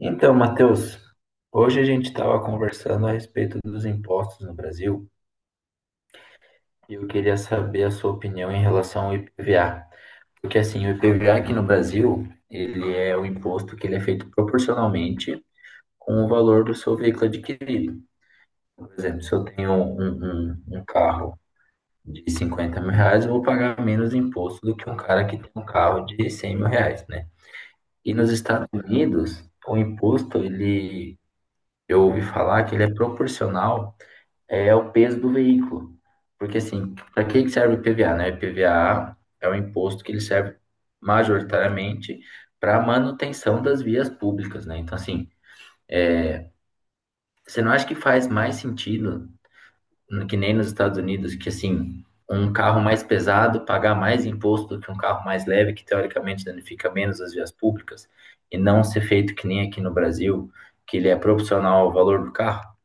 Então, Matheus, hoje a gente estava conversando a respeito dos impostos no Brasil e eu queria saber a sua opinião em relação ao IPVA. Porque assim, o IPVA aqui no Brasil, ele é um imposto que ele é feito proporcionalmente com o valor do seu veículo adquirido. Por exemplo, se eu tenho um carro de 50 mil reais, eu vou pagar menos imposto do que um cara que tem um carro de 100 mil reais, né? E nos Estados Unidos, o imposto, ele, eu ouvi falar que ele é proporcional é o peso do veículo. Porque, assim, para que que serve o IPVA, né? O IPVA é o imposto que ele serve majoritariamente para manutenção das vias públicas, né? Então, assim, é, você não acha que faz mais sentido, que nem nos Estados Unidos, que, assim, um carro mais pesado pagar mais imposto do que um carro mais leve, que teoricamente danifica menos as vias públicas, e não ser feito que nem aqui no Brasil, que ele é proporcional ao valor do carro?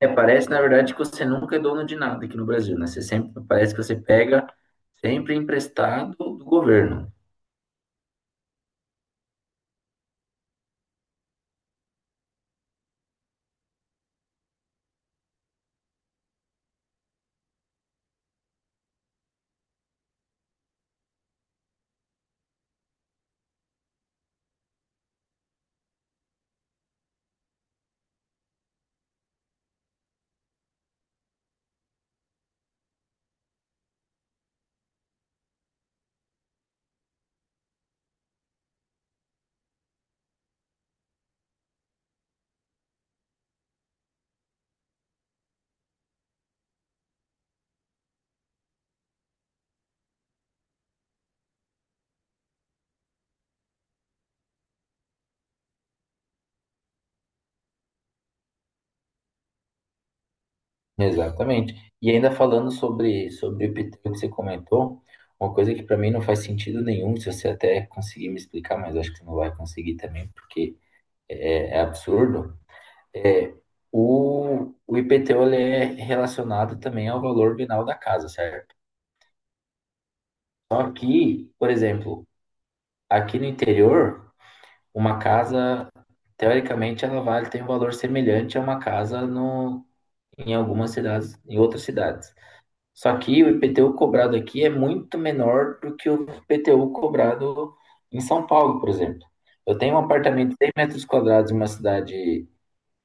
É, parece, na verdade, que você nunca é dono de nada aqui no Brasil, né? Você sempre, parece que você pega sempre emprestado do governo. Exatamente. E ainda falando sobre o IPTU que você comentou, uma coisa que para mim não faz sentido nenhum, se você até conseguir me explicar, mas acho que você não vai conseguir também, porque é absurdo, é o IPTU ele é relacionado também ao valor venal da casa, certo? Só que, por exemplo, aqui no interior, uma casa, teoricamente, ela vale, tem um valor semelhante a uma casa no, em algumas cidades, em outras cidades. Só que o IPTU cobrado aqui é muito menor do que o IPTU cobrado em São Paulo, por exemplo. Eu tenho um apartamento de 100 metros quadrados em uma cidade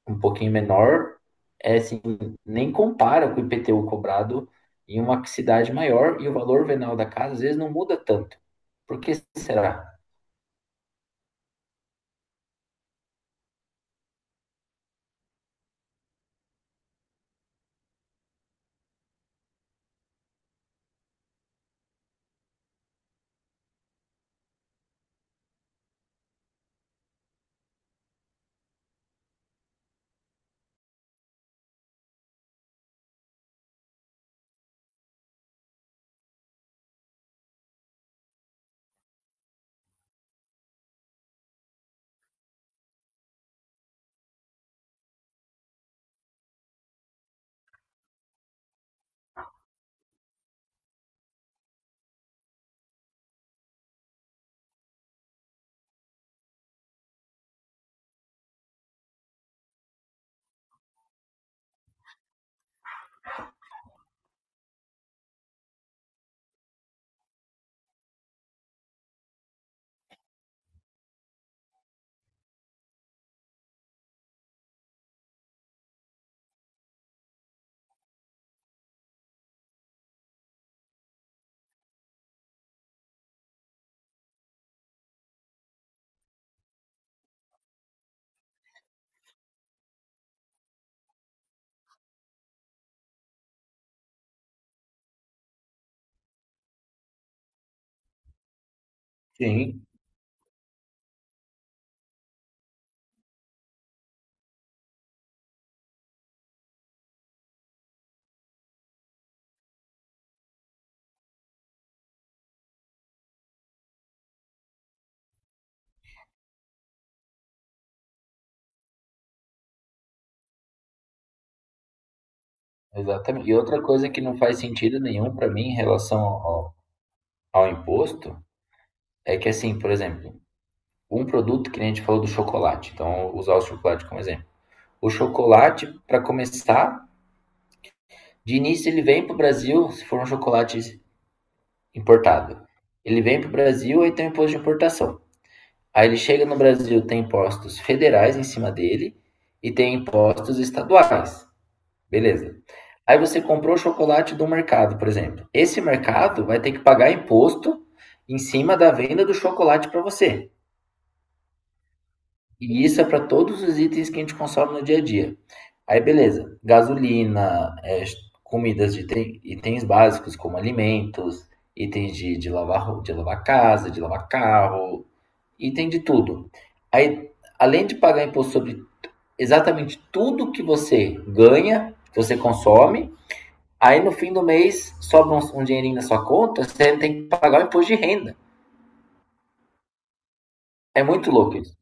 um pouquinho menor, assim, nem compara com o IPTU cobrado em uma cidade maior e o valor venal da casa às vezes não muda tanto. Por que será? Sim. Exatamente. E outra coisa que não faz sentido nenhum para mim em relação ao imposto é que, assim, por exemplo, um produto que nem a gente falou do chocolate, então vou usar o chocolate como exemplo. O chocolate, para começar, de início ele vem para o Brasil, se for um chocolate importado. Ele vem para o Brasil e tem um imposto de importação. Aí ele chega no Brasil, tem impostos federais em cima dele e tem impostos estaduais. Beleza. Aí você comprou o chocolate do mercado, por exemplo. Esse mercado vai ter que pagar imposto em cima da venda do chocolate para você. E isso é para todos os itens que a gente consome no dia a dia. Aí, beleza. Gasolina, comidas de itens básicos, como alimentos, itens de lavar, de lavar casa, de lavar carro, item de tudo. Aí, além de pagar imposto sobre exatamente tudo que você ganha, que você consome. Aí no fim do mês sobra um dinheirinho na sua conta, você tem que pagar o imposto de renda. É muito louco isso.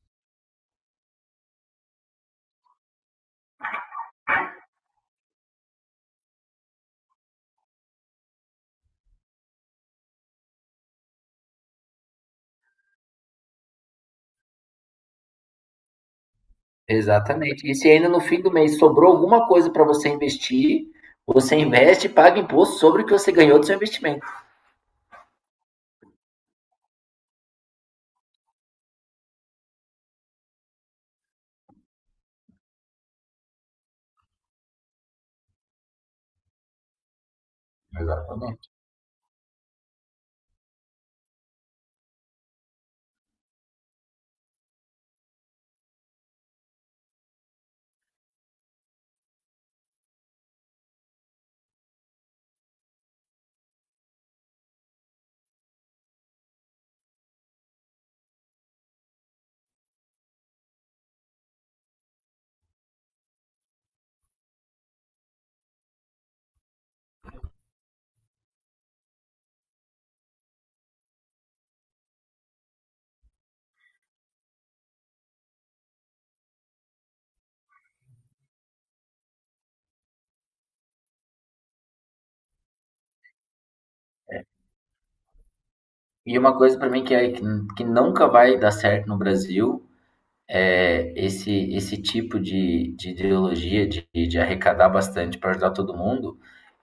Exatamente. E se ainda no fim do mês sobrou alguma coisa para você investir, você investe e paga imposto sobre o que você ganhou do seu investimento. Exatamente. E uma coisa para mim que, que nunca vai dar certo no Brasil é, esse tipo de ideologia de arrecadar bastante para ajudar todo mundo,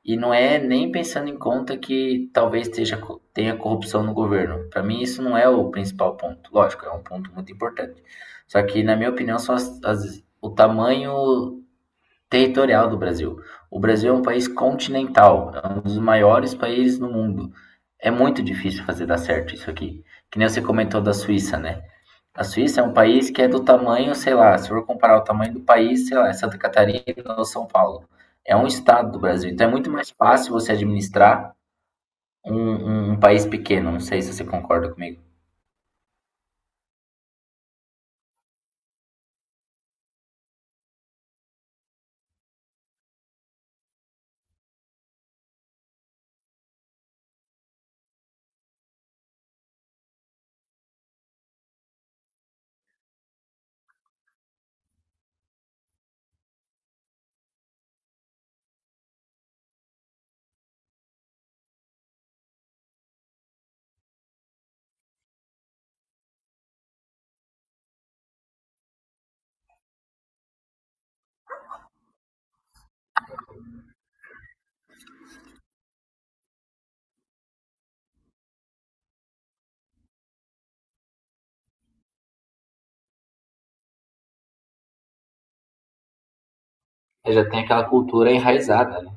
e não é nem pensando em conta que talvez tenha corrupção no governo. Para mim, isso não é o principal ponto. Lógico, é um ponto muito importante. Só que, na minha opinião, são o tamanho territorial do Brasil. O Brasil é um país continental, é um dos maiores países no mundo. É muito difícil fazer dar certo isso aqui. Que nem você comentou da Suíça, né? A Suíça é um país que é do tamanho, sei lá, se for comparar o tamanho do país, sei lá, é Santa Catarina ou São Paulo. É um estado do Brasil, então é muito mais fácil você administrar um país pequeno. Não sei se você concorda comigo. Você já tem aquela cultura enraizada, né?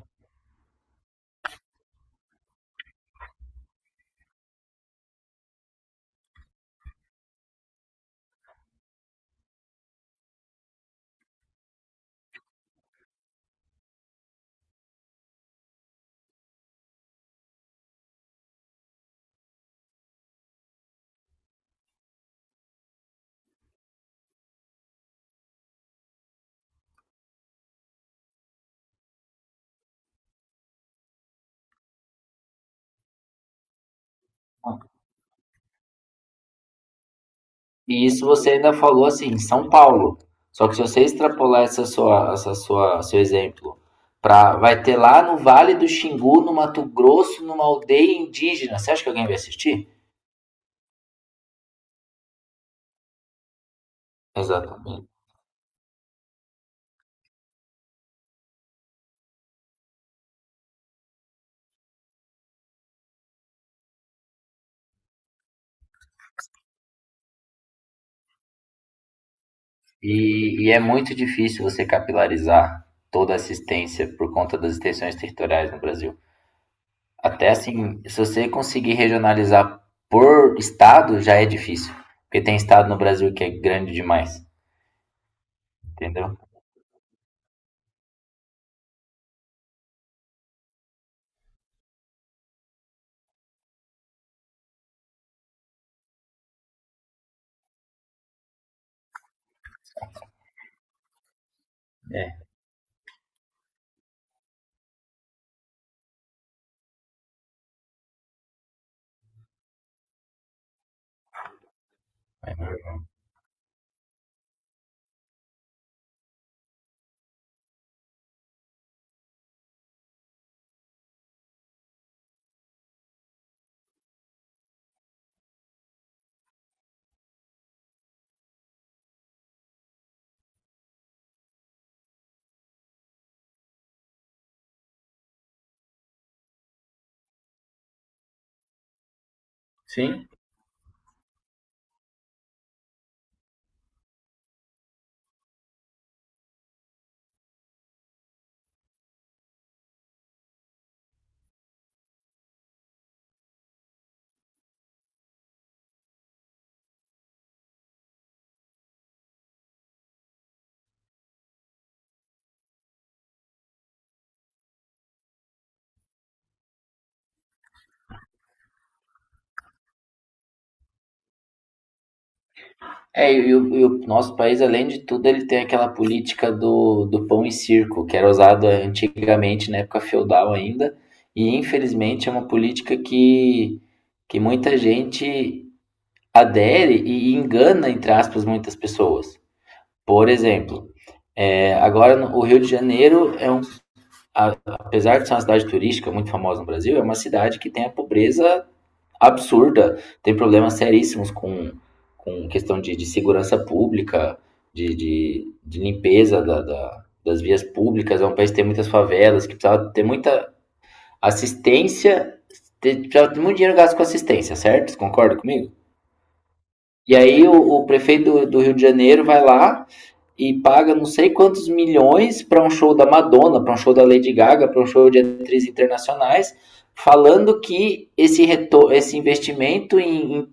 E isso você ainda falou assim, em São Paulo. Só que se você extrapolar seu exemplo, vai ter lá no Vale do Xingu, no Mato Grosso, numa aldeia indígena. Você acha que alguém vai assistir? Exatamente. E é muito difícil você capilarizar toda a assistência por conta das extensões territoriais no Brasil. Até assim, se você conseguir regionalizar por estado, já é difícil. Porque tem estado no Brasil que é grande demais, entendeu? É. Sim. É, e o nosso país, além de tudo, ele tem aquela política do pão e circo, que era usada antigamente, na época feudal ainda, e infelizmente é uma política que muita gente adere e engana, entre aspas, muitas pessoas. Por exemplo, agora o Rio de Janeiro apesar de ser uma cidade turística muito famosa no Brasil, é uma cidade que tem a pobreza absurda, tem problemas seríssimos com, questão de segurança pública, de limpeza das vias públicas, é um país que tem muitas favelas, que precisava ter muita assistência, precisava ter muito dinheiro gasto com assistência, certo? Você concorda comigo? E aí o prefeito do Rio de Janeiro vai lá e paga não sei quantos milhões para um show da Madonna, para um show da Lady Gaga, para um show de atrizes internacionais, falando que esse investimento em, em,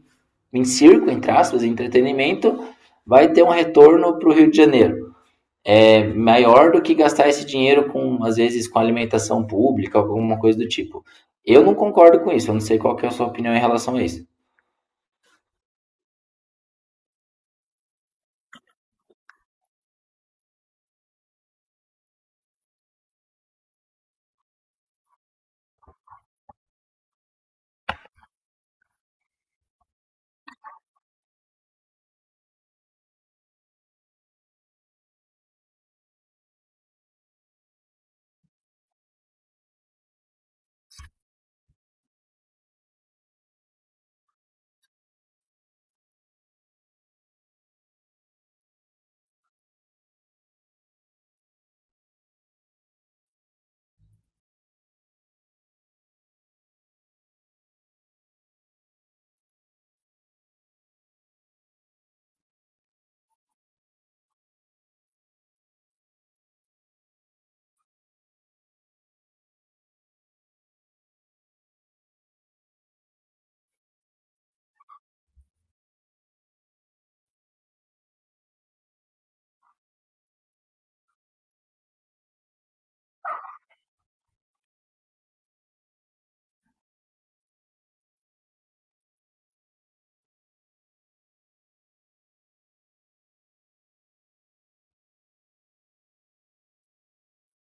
em circo, entre aspas, em entretenimento, vai ter um retorno para o Rio de Janeiro. É maior do que gastar esse dinheiro com, às vezes, com alimentação pública, alguma coisa do tipo. Eu não concordo com isso, eu não sei qual que é a sua opinião em relação a isso.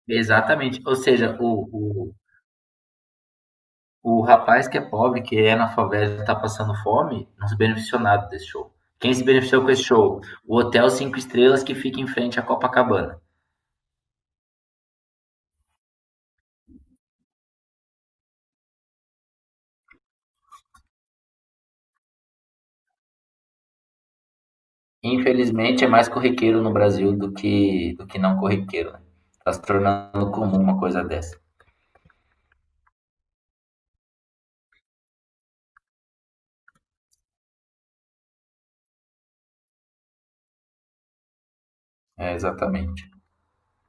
Exatamente. Ou seja. O rapaz que é pobre, que é na favela e tá passando fome, não se beneficiou nada desse show. Quem se beneficiou com esse show? O hotel 5 estrelas que fica em frente à Copacabana. Infelizmente é mais corriqueiro no Brasil do que, não corriqueiro. Né? Tá se tornando comum uma coisa dessa. É, exatamente.